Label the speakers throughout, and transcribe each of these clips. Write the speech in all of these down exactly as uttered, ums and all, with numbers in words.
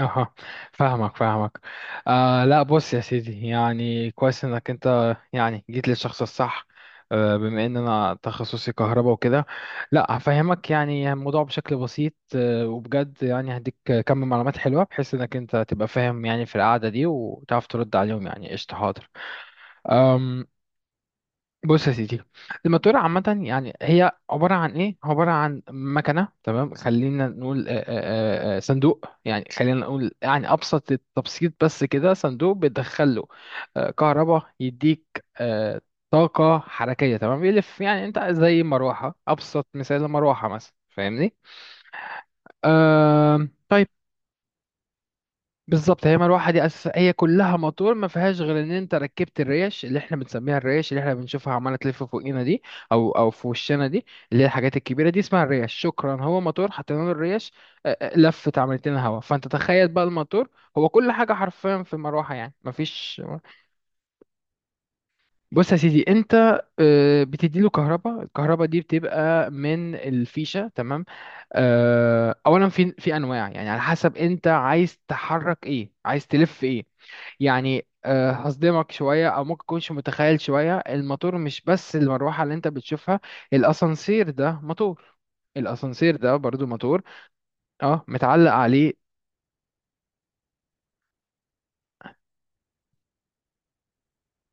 Speaker 1: اها، فاهمك فاهمك. آه، لا، بص يا سيدي، يعني كويس انك انت يعني جيت للشخص الصح. آه بما ان انا تخصصي كهرباء وكده، لا هفهمك يعني الموضوع بشكل بسيط، آه وبجد يعني هديك كم معلومات حلوة بحيث انك انت تبقى فاهم يعني في القعدة دي، وتعرف ترد عليهم. يعني قشطة، حاضر. بص يا سيدي، الماتورة عامة يعني هي عبارة عن إيه؟ عبارة عن مكنة، تمام، خلينا نقول آه، آه، آه، صندوق. يعني خلينا نقول يعني أبسط التبسيط بس كده صندوق بتدخله آه، كهرباء، يديك آه، طاقة حركية، تمام. يلف يعني أنت زي مروحة، أبسط مثال مروحة مثلا، فاهمني؟ آم، طيب. بالظبط، هي مروحه دي اساس هي كلها موتور، ما فيهاش غير ان انت ركبت الريش، اللي احنا بنسميها الريش، اللي احنا بنشوفها عماله تلف فوقينا دي، او او في وشنا دي، اللي هي الحاجات الكبيره دي اسمها الريش، شكرا. هو موتور حطينا له الريش آه، آه، لفت عملت لنا هوا. فانت تخيل بقى الموتور هو كل حاجه حرفيا في المروحه، يعني ما فيش. بص يا سيدي، انت آه، بتديله كهرباء، الكهرباء دي بتبقى من الفيشه، تمام. آه، اولا في في انواع يعني على حسب انت عايز تحرك ايه، عايز تلف ايه. يعني آه، هصدمك شوية، أو ممكن تكونش متخيل شوية، الموتور مش بس المروحة اللي أنت بتشوفها، الأسانسير ده موتور، الأسانسير ده برضو موتور، اه، متعلق عليه.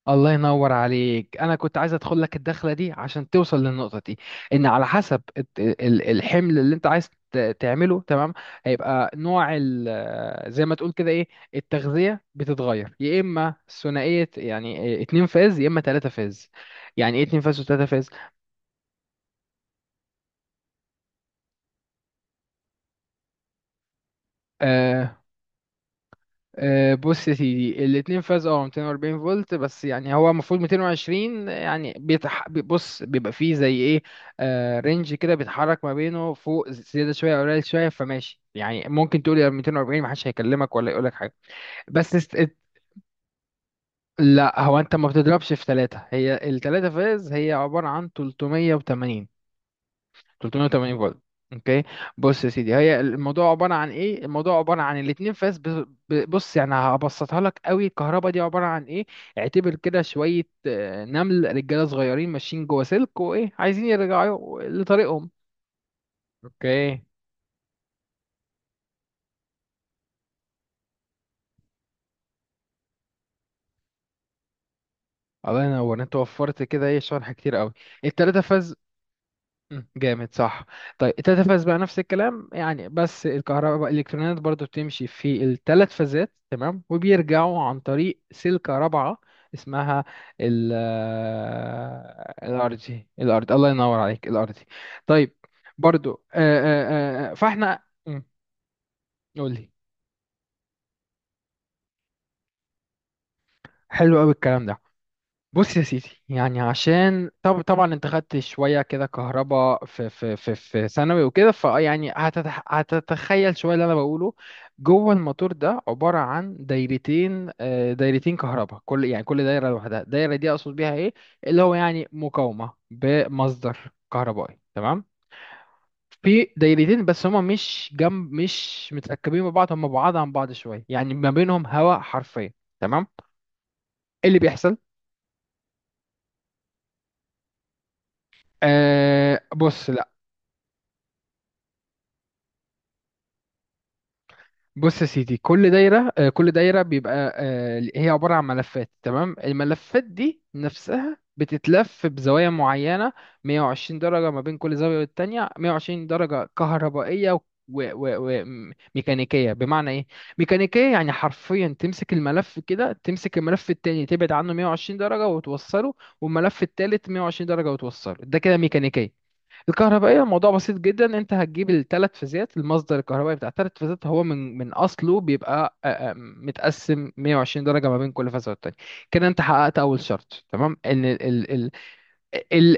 Speaker 1: الله ينور عليك، انا كنت عايز ادخل لك الدخله دي عشان توصل للنقطه دي، ان على حسب الت- ال- الحمل اللي انت عايز ت- تعمله، تمام. هيبقى نوع ال- زي ما تقول كده ايه، التغذيه بتتغير، يا اما ثنائيه يعني اتنين فاز، يا اما تلاته فاز. يعني ايه اتنين فاز وتلاته فاز؟ آه، آه، بص يا سيدي، الاتنين فاز اه ميتين واربعين فولت، بس يعني هو المفروض ميتين وعشرين، يعني بيتح... بي- بص، بيبقى فيه زي ايه، آه رينج كده بيتحرك ما بينه، فوق زيادة شوية أو قليل شوية، فماشي. يعني ممكن تقول يا ميتين واربعين، محدش هيكلمك ولا يقولك حاجة. بس است... ات- لا هو انت ما بتضربش في ثلاثة، هي الثلاثة فاز هي عبارة عن تلتميه وتمانين، تلتميه وتمانين فولت. اوكي. بص يا سيدي، هي الموضوع عباره عن ايه؟ الموضوع عباره عن الاتنين فاس بز- ب- بص، يعني هبسطها لك قوي. الكهرباء دي عباره عن ايه؟ اعتبر كده شويه آه، نمل رجاله صغيرين ماشيين جوه سلك، وايه؟ عايزين يرجعوا لطريقهم. اوكي. الله ينور، انت وفرت كده ايه، شرح كتير قوي. التلاتة فاز، مم، جامد، صح؟ طيب التلات بقى نفس الكلام يعني، بس الكهرباء الالكترونات برضو بتمشي في الثلاث فازات، تمام، وبيرجعوا عن طريق سلكة رابعة اسمها ال... الارضي. الارض، الله ينور عليك، الارضي. طيب، برضو آه، آه، آه، آه، فاحنا مم، قولي. حلو قوي الكلام ده. بص يا سيدي، يعني عشان طب طبعا انت خدت شويه كده كهرباء في في في في ثانوي وكده، ف يعني هتتح... هتتخيل شويه اللي انا بقوله. جوه الموتور ده عباره عن دايرتين، آه، دايرتين كهرباء، كل يعني كل دايره لوحدها. الدايره دي اقصد بيها ايه؟ اللي هو يعني مقاومه بمصدر كهربائي، تمام. في دايرتين بس هما مش جنب، مش متركبين ببعض، هما بعاد عن بعض شويه، يعني ما بينهم هواء حرفيا، تمام. ايه اللي بيحصل؟ آه بص، بص يا سيدي، كل دايرة آه، كل دايرة بيبقى آه، هي عبارة عن ملفات، تمام. الملفات دي نفسها بتتلف بزوايا معينة، مية وعشرين درجة ما بين كل زاوية والتانية، مية وعشرين درجة كهربائية وميكانيكية. بمعنى ايه ميكانيكية؟ يعني حرفيا تمسك الملف كده، تمسك الملف التاني، تبعد عنه مئة وعشرين درجة وتوصله، والملف التالت مئة وعشرين درجة وتوصله، ده كده ميكانيكية. الكهربائية الموضوع بسيط جدا، انت هتجيب الثلاث فازات، المصدر الكهربائي بتاع الثلاث فازات هو من من اصله بيبقى آه، آه، متقسم مية وعشرين درجة ما بين كل فازة والتانية. كده انت حققت اول شرط، تمام، ان ال ال ال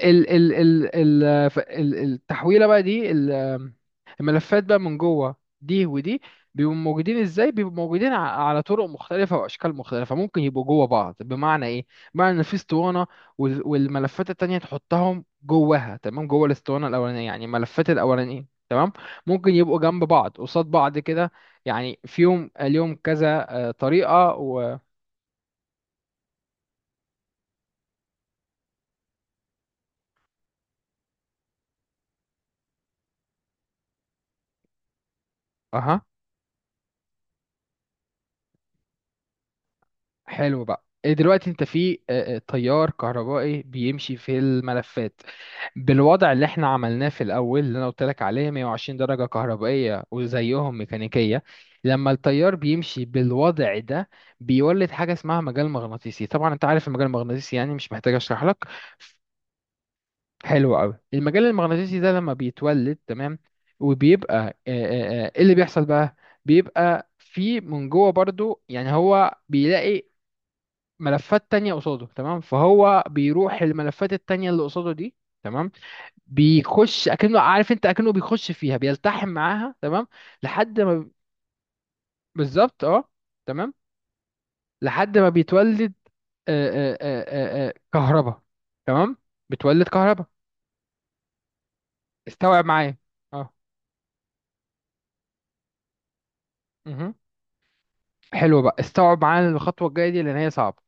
Speaker 1: ال ال ف- ال- التحويلة بقى دي، ال- الملفات بقى من جوه دي ودي بيبقوا موجودين ازاي؟ بيبقوا موجودين ع- على طرق مختلفة واشكال مختلفة. ممكن يبقوا جوه بعض، بمعنى ايه؟ بمعنى ان في اسطوانة، وال- والملفات التانية تحطهم جواها، تمام، جوه الاسطوانة الاولانية، يعني الملفات الاولانية، تمام. ممكن يبقوا جنب بعض، قصاد بعض كده، يعني فيهم ليهم كذا آه، طريقة. و... اها، حلو بقى. إيه دلوقتي؟ انت في آه، آه، تيار كهربائي بيمشي في الملفات بالوضع اللي احنا عملناه في الاول، اللي انا قلت لك عليه مية وعشرين درجة كهربائية وزيهم ميكانيكية. لما التيار بيمشي بالوضع ده، بيولد حاجة اسمها مجال مغناطيسي. طبعا انت عارف المجال المغناطيسي يعني، مش محتاج اشرح لك. حلو قوي. المجال المغناطيسي ده لما بيتولد، تمام، وبيبقى آه، آه، آه، ايه اللي بيحصل بقى؟ بيبقى في من جوه برضو، يعني هو بيلاقي ملفات تانية قصاده، تمام، فهو بيروح الملفات التانية اللي قصاده دي، تمام، بيخش، اكنه عارف انت، اكنه بيخش فيها، بيلتحم معاها، تمام، لحد ما ب- بالظبط، اه، تمام. لحد ما بيتولد آه، آه، آه، آه، آه، كهرباء، تمام، بتولد كهرباء. استوعب معايا، اه. مهم. حلو بقى، استوعب معايا الخطوة الجاية دي لان هي صعبة.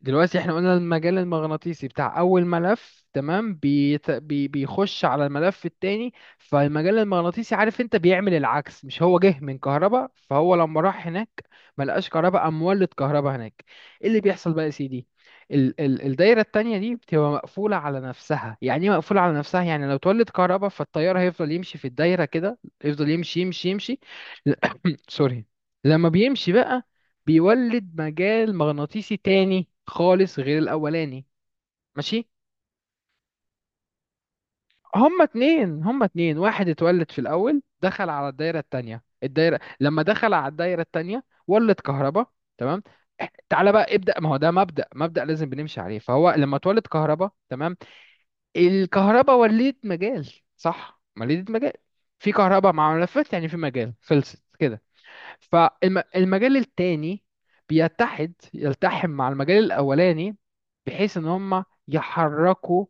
Speaker 1: دلوقتي احنا قلنا المجال المغناطيسي بتاع اول ملف، تمام، بيت... بي... بيخش على الملف التاني. فالمجال المغناطيسي عارف انت بيعمل العكس، مش هو جه من كهرباء؟ فهو لما راح هناك ملقاش كهرباء، قام مولد كهرباء هناك. ايه اللي بيحصل بقى يا سيدي؟ ال... ال... الدايرة التانية دي بتبقى مقفولة على نفسها. يعني ايه مقفولة على نفسها؟ يعني لو اتولد كهرباء فالتيار هيفضل يمشي في الدايرة كده، يفضل يمشي يمشي يمشي. سوري. لما بيمشي بقى، بيولد مجال مغناطيسي تاني خالص غير الأولاني. ماشي؟ هما اتنين، هما اتنين، واحد اتولد في الأول، دخل على الدايرة التانية، الدايرة لما دخل على الدايرة التانية ولد كهرباء، تمام. إح- تعالى بقى ابدأ، ما هو ده مبدأ، مبدأ لازم بنمشي عليه. فهو لما اتولد كهرباء، تمام، الكهرباء ولدت مجال، صح، ولدت مجال. في كهرباء مع ملفات يعني في مجال، خلصت كده. فالمجال التاني بيتحد، يلتحم مع المجال الأولاني، بحيث إن هما يحركوا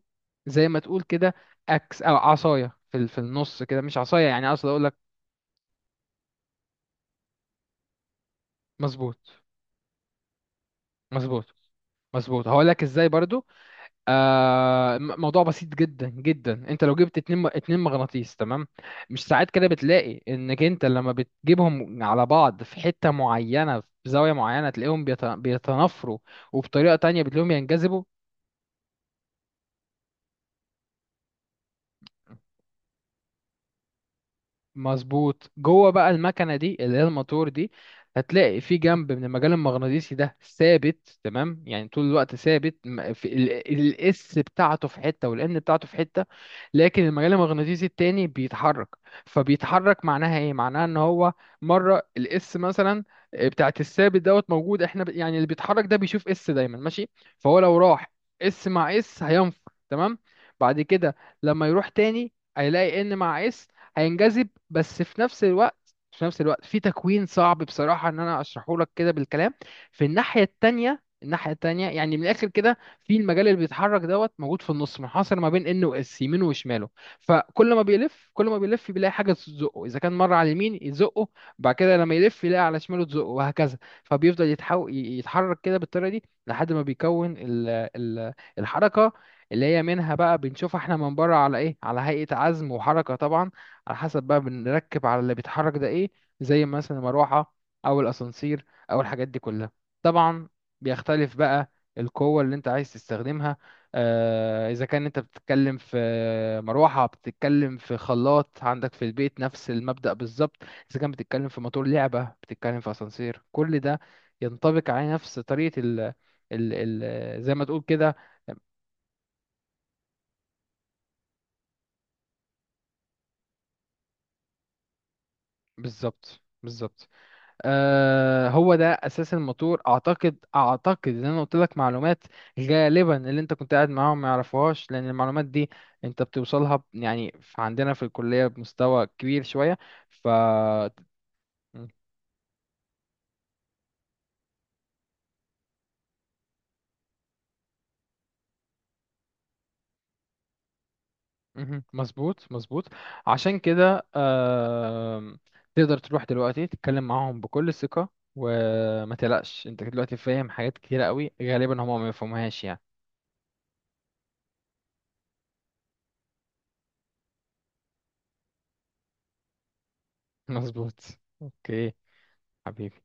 Speaker 1: زي ما تقول كده أكس، أو عصاية في ال- في النص كده، مش عصاية يعني، أقصد أقول لك... مظبوط، مظبوط. مظبوط، هقول لك إزاي برضو. آه م- موضوع بسيط جدا جدا، أنت لو جبت اتنين م- اتنين مغناطيس، تمام، مش ساعات كده بتلاقي إنك أنت لما بتجيبهم على بعض في حتة معينة، في زاوية معينة، تلاقيهم بيت- بيتنافروا، وبطريقة تانية بتلاقيهم ينجذبوا. مظبوط. جوه بقى المكنه دي اللي هي الموتور دي، هتلاقي في جنب من المجال المغناطيسي ده ثابت، تمام، يعني طول الوقت ثابت، م- في ال- الاس بتاعته في حته، والان بتاعته في حته، لكن المجال المغناطيسي التاني بيتحرك. فبيتحرك، معناها ايه؟ معناها ان هو مره الاس مثلا آه، بتاعت الثابت دوت موجود، احنا ب... يعني اللي بيتحرك ده بيشوف اس دايما ماشي. فهو لو راح اس مع اس، هينفر، تمام. بعد كده لما يروح تاني هيلاقي ان مع اس، هينجذب. بس في نفس الوقت، في نفس الوقت، في تكوين صعب بصراحة ان انا اشرحه لك كده بالكلام. في الناحية التانية، الناحية التانية يعني من الآخر كده، في المجال اللي بيتحرك دوت موجود في النص، منحصر ما بين إن وإس، يمينه وشماله. فكل ما بيلف، كل ما بيلف بيلاقي حاجة تزقه. إذا كان مرة على اليمين يزقه، بعد كده لما يلف يلاقي على شماله تزقه، وهكذا. فبيفضل يتحو... يتحرك كده بالطريقة دي، لحد ما بيكون ال... ال... الحركة اللي هي منها بقى بنشوفها احنا من بره على ايه؟ على هيئة عزم وحركة طبعا. على حسب بقى بنركب على اللي بيتحرك ده ايه، زي مثلا المروحة، او الاسانسير، او الحاجات دي كلها. طبعا بيختلف بقى القوة اللي انت عايز تستخدمها. آه اذا كان انت بتتكلم في مروحة، بتتكلم في خلاط عندك في البيت، نفس المبدأ بالظبط. اذا كان بتتكلم في موتور لعبة، بتتكلم في اسانسير، كل ده ينطبق على نفس طريقة ال ال ال زي ما تقول كده. بالظبط، بالظبط. آه هو ده اساس الموتور. اعتقد، اعتقد ان انا قلت لك معلومات غالبا اللي انت كنت قاعد معاهم ما يعرفوهاش، لان المعلومات دي انت بتوصلها ب- يعني في- عندنا في الكليه بمستوى كبير شويه. ف... م- مهم. مظبوط، مظبوط. عشان كده آه، تقدر تروح دلوقتي تتكلم معاهم بكل ثقه، وما تقلقش، انت دلوقتي فاهم حاجات كتيره قوي غالبا هم ما يفهموهاش يعني. مظبوط. اوكي حبيبي.